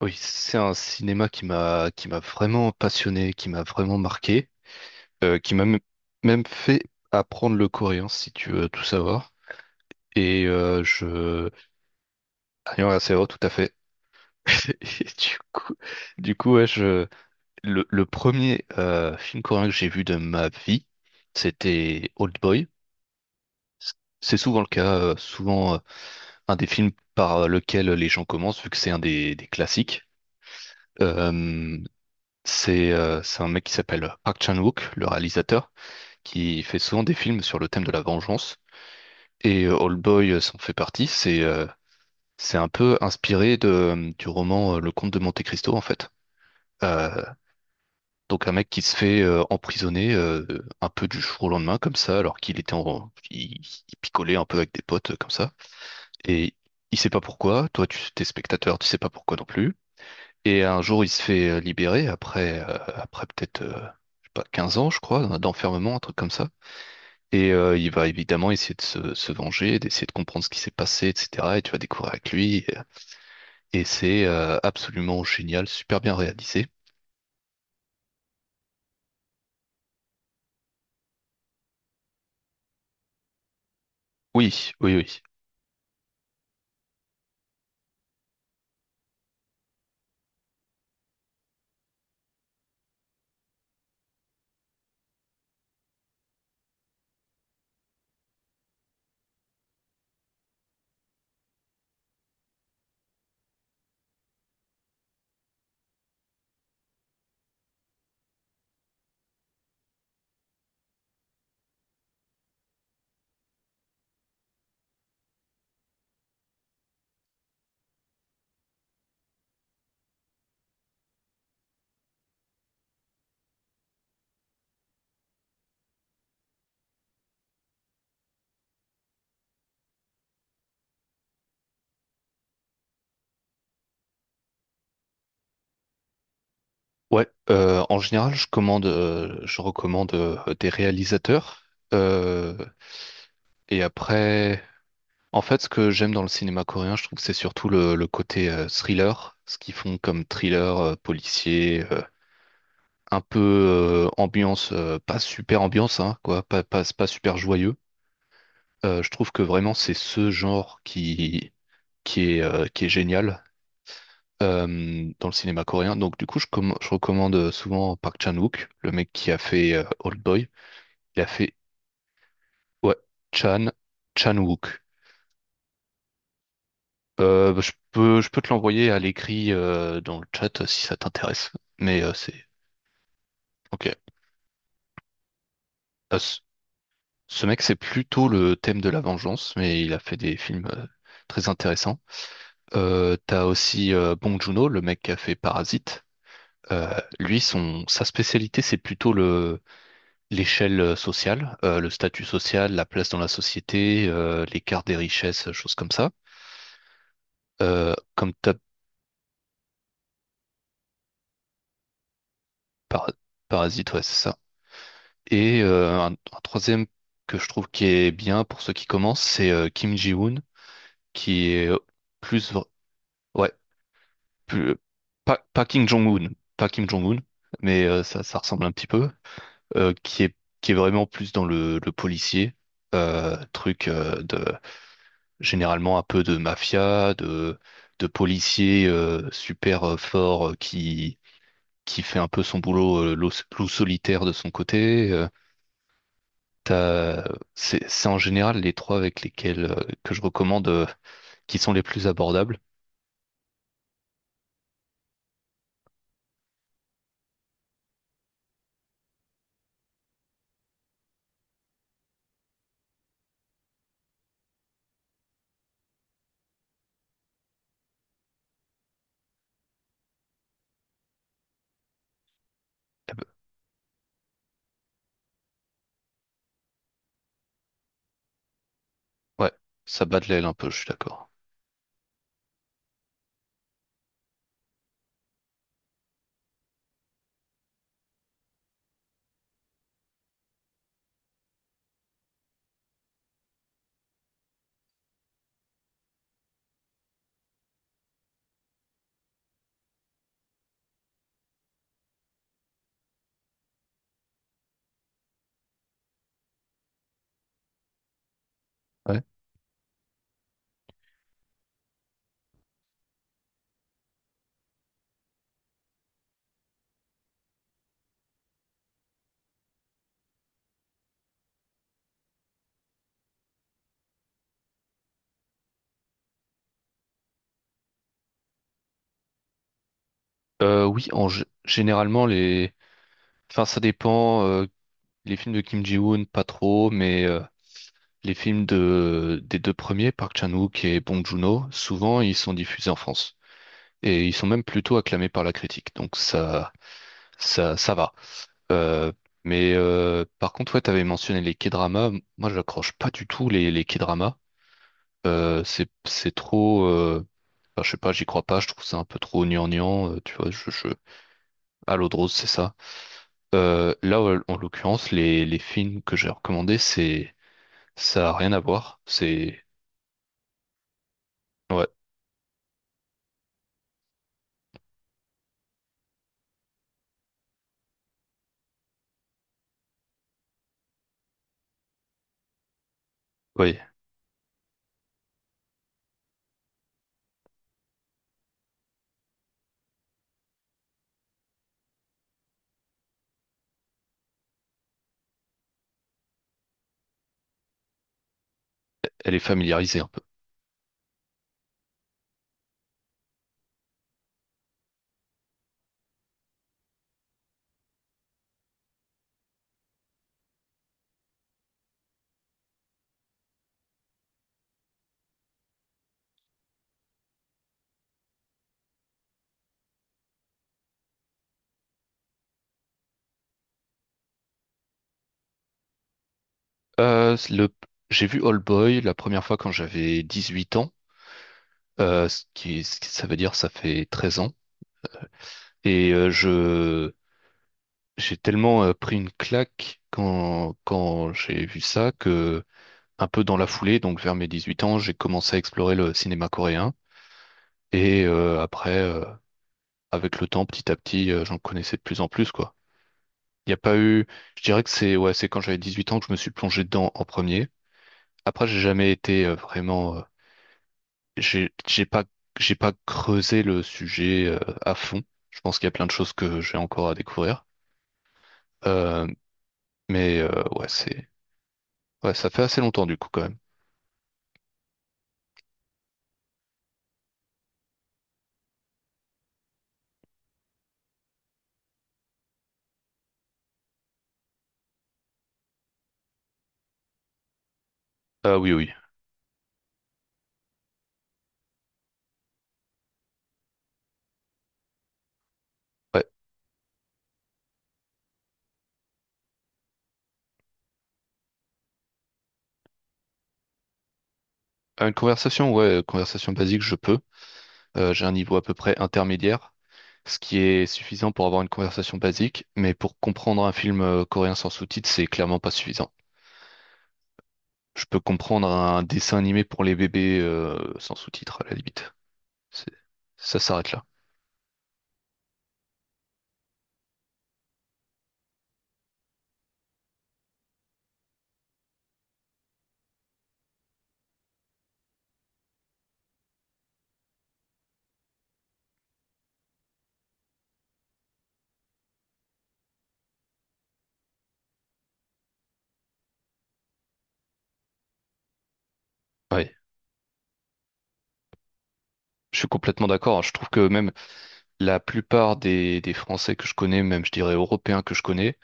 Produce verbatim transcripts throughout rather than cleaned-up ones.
Oui, c'est un cinéma qui m'a qui m'a vraiment passionné, qui m'a vraiment marqué, euh, qui m'a m- même fait apprendre le coréen, si tu veux tout savoir. Et euh, je... Ah, ouais, c'est vrai, tout à fait. Et du coup, du coup ouais, je... le, le premier euh, film coréen que j'ai vu de ma vie, c'était Old Boy. C'est souvent le cas, euh, souvent euh, un des films par euh, lequel les gens commencent, vu que c'est un des, des classiques. Euh, C'est euh, c'est un mec qui s'appelle Park Chan-wook, le réalisateur, qui fait souvent des films sur le thème de la vengeance. Et euh, Old Boy euh, s'en fait partie. C'est euh, c'est un peu inspiré de, euh, du roman euh, Le Comte de Monte-Cristo, en fait. Euh, donc un mec qui se fait euh, emprisonner euh, un peu du jour au lendemain, comme ça, alors qu'il était en... il, il picolait un peu avec des potes, euh, comme ça. Et il sait pas pourquoi. Toi, tu t'es spectateur, tu sais pas pourquoi non plus. Et un jour, il se fait euh, libérer après, euh, après peut-être, euh, je sais pas, quinze ans, je crois, d'enfermement, un truc comme ça. Et euh, il va évidemment essayer de se, se venger, d'essayer de comprendre ce qui s'est passé, et cetera. Et tu vas découvrir avec lui. euh, Et c'est euh, absolument génial, super bien réalisé. Oui, oui, oui. Ouais, euh, En général, je commande, euh, je recommande euh, des réalisateurs. Euh, et après. En fait, ce que j'aime dans le cinéma coréen, je trouve que c'est surtout le, le côté euh, thriller, ce qu'ils font comme thriller euh, policier, euh, un peu euh, ambiance, euh, pas super ambiance, hein, quoi, pas, pas, pas super joyeux. Euh, je trouve que vraiment c'est ce genre qui, qui est, euh, qui est génial euh, dans le cinéma coréen. Donc du coup, je, comm- je recommande souvent Park Chan-wook, le mec qui a fait euh, Old Boy. Il a fait ouais, Chan, Chan-wook. Euh, bah, je peux, je peux te l'envoyer à l'écrit euh, dans le chat euh, si ça t'intéresse. Mais euh, c'est ok. Euh, ce ce mec, c'est plutôt le thème de la vengeance, mais il a fait des films euh, très intéressants. Euh, t'as aussi euh, Bong Joon-ho, le mec qui a fait Parasite. Euh, lui, son, sa spécialité, c'est plutôt le l'échelle euh, sociale, euh, le statut social, la place dans la société, euh, l'écart des richesses, choses comme ça. Euh, comme t'as par- Parasite, ouais, c'est ça. Et euh, un, un troisième que je trouve qui est bien pour ceux qui commencent, c'est euh, Kim Ji-woon, qui est plus... vr- ouais, plus, pas, pas Kim Jong-un, pas Kim Jong-un, mais euh, ça, ça ressemble un petit peu, euh, qui est, qui est vraiment plus dans le, le policier, euh, truc euh, de... Généralement un peu de mafia, de, de policier euh, super euh, fort euh, qui, qui fait un peu son boulot euh, loup loup solitaire de son côté. euh, T'as- C'est c'est en général les trois avec lesquels euh, que je recommande euh, qui sont les plus abordables. Eh ben, ouais, ça bat de l'aile un peu, je suis d'accord. Ouais. Euh, oui, en gé- généralement les, enfin ça dépend. Euh, les films de Kim Ji-woon, pas trop, mais euh, les films de, des deux premiers, Park Chan-wook et Bong Joon-ho, souvent ils sont diffusés en France et ils sont même plutôt acclamés par la critique. Donc ça, ça, ça va. Euh, mais euh, par contre, ouais, t'avais mentionné les K-dramas. Moi, j'accroche pas du tout les les K-dramas. Euh, c'est c'est trop. Euh, enfin, je sais pas, j'y crois pas. Je trouve ça un peu trop gnangnan. Euh, tu vois, je, je... À l'eau de rose, c'est ça. Euh, là, ouais, en l'occurrence, les les films que j'ai recommandés, c'est ça a rien à voir. C'est Ouais. Oui, elle est familiarisée un peu. Euh, le, j'ai vu All Boy la première fois quand j'avais dix-huit ans, euh, ce qui, ce qui- ça veut dire ça fait treize ans. Et euh, je, j'ai tellement euh, pris une claque quand, quand j'ai vu ça que, un peu dans la foulée, donc vers mes dix-huit ans, j'ai commencé à explorer le cinéma coréen. Et euh, après, euh, avec le temps, petit à petit, euh, j'en connaissais de plus en plus, quoi. Il n'y a pas eu, je dirais que c'est ouais, c'est quand j'avais dix-huit ans que je me suis plongé dedans en premier. Après, j'ai jamais été euh, vraiment euh, J'ai j'ai pas j'ai pas creusé le sujet euh, à fond. Je pense qu'il y a plein de choses que j'ai encore à découvrir. Euh, mais euh, ouais, c'est ouais, ça fait assez longtemps du coup quand même. Ah oui oui. Ouais. Une conversation, ouais, conversation basique, je peux. Euh, j'ai un niveau à peu près intermédiaire, ce qui est suffisant pour avoir une conversation basique, mais pour comprendre un film euh, coréen sans sous-titres, c'est clairement pas suffisant. Je peux comprendre un dessin animé pour les bébés euh, sans sous-titres, à la limite. C'est- Ça s'arrête là. Oui, je suis complètement d'accord, hein. Je trouve que même la plupart des, des Français que je connais, même je dirais européens que je connais,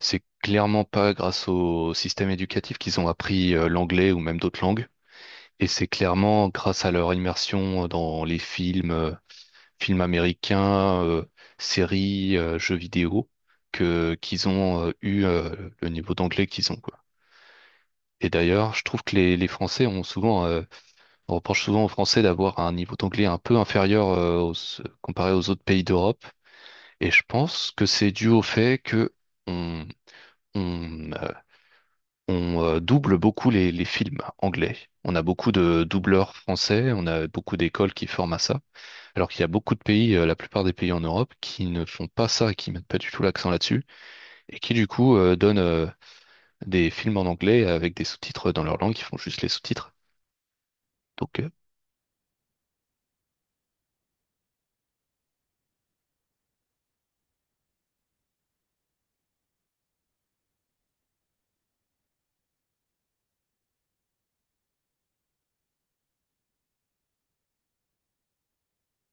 c'est clairement pas grâce au système éducatif qu'ils ont appris euh, l'anglais ou même d'autres langues. Et c'est clairement grâce à leur immersion euh, dans les films, euh, films américains, euh, séries, euh, jeux vidéo, que qu'ils ont euh, eu euh, le niveau d'anglais qu'ils ont, quoi. Et d'ailleurs, je trouve que les, les Français ont souvent, euh, on reproche souvent aux Français d'avoir un niveau d'anglais un peu inférieur euh, aux- comparé aux autres pays d'Europe. Et je pense que c'est dû au fait que on, on, euh, on euh, double beaucoup les, les films anglais. On a beaucoup de doubleurs français, on a beaucoup d'écoles qui forment à ça. Alors qu'il y a beaucoup de pays, euh, la plupart des pays en Europe, qui ne font pas ça, qui mettent pas du tout l'accent là-dessus, et qui du coup euh, donnent euh, des films en anglais avec des sous-titres dans leur langue, qui font juste les sous-titres. Donc, euh,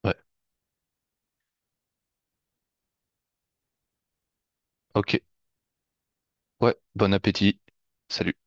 ouais, ok, ouais, bon appétit. Salut.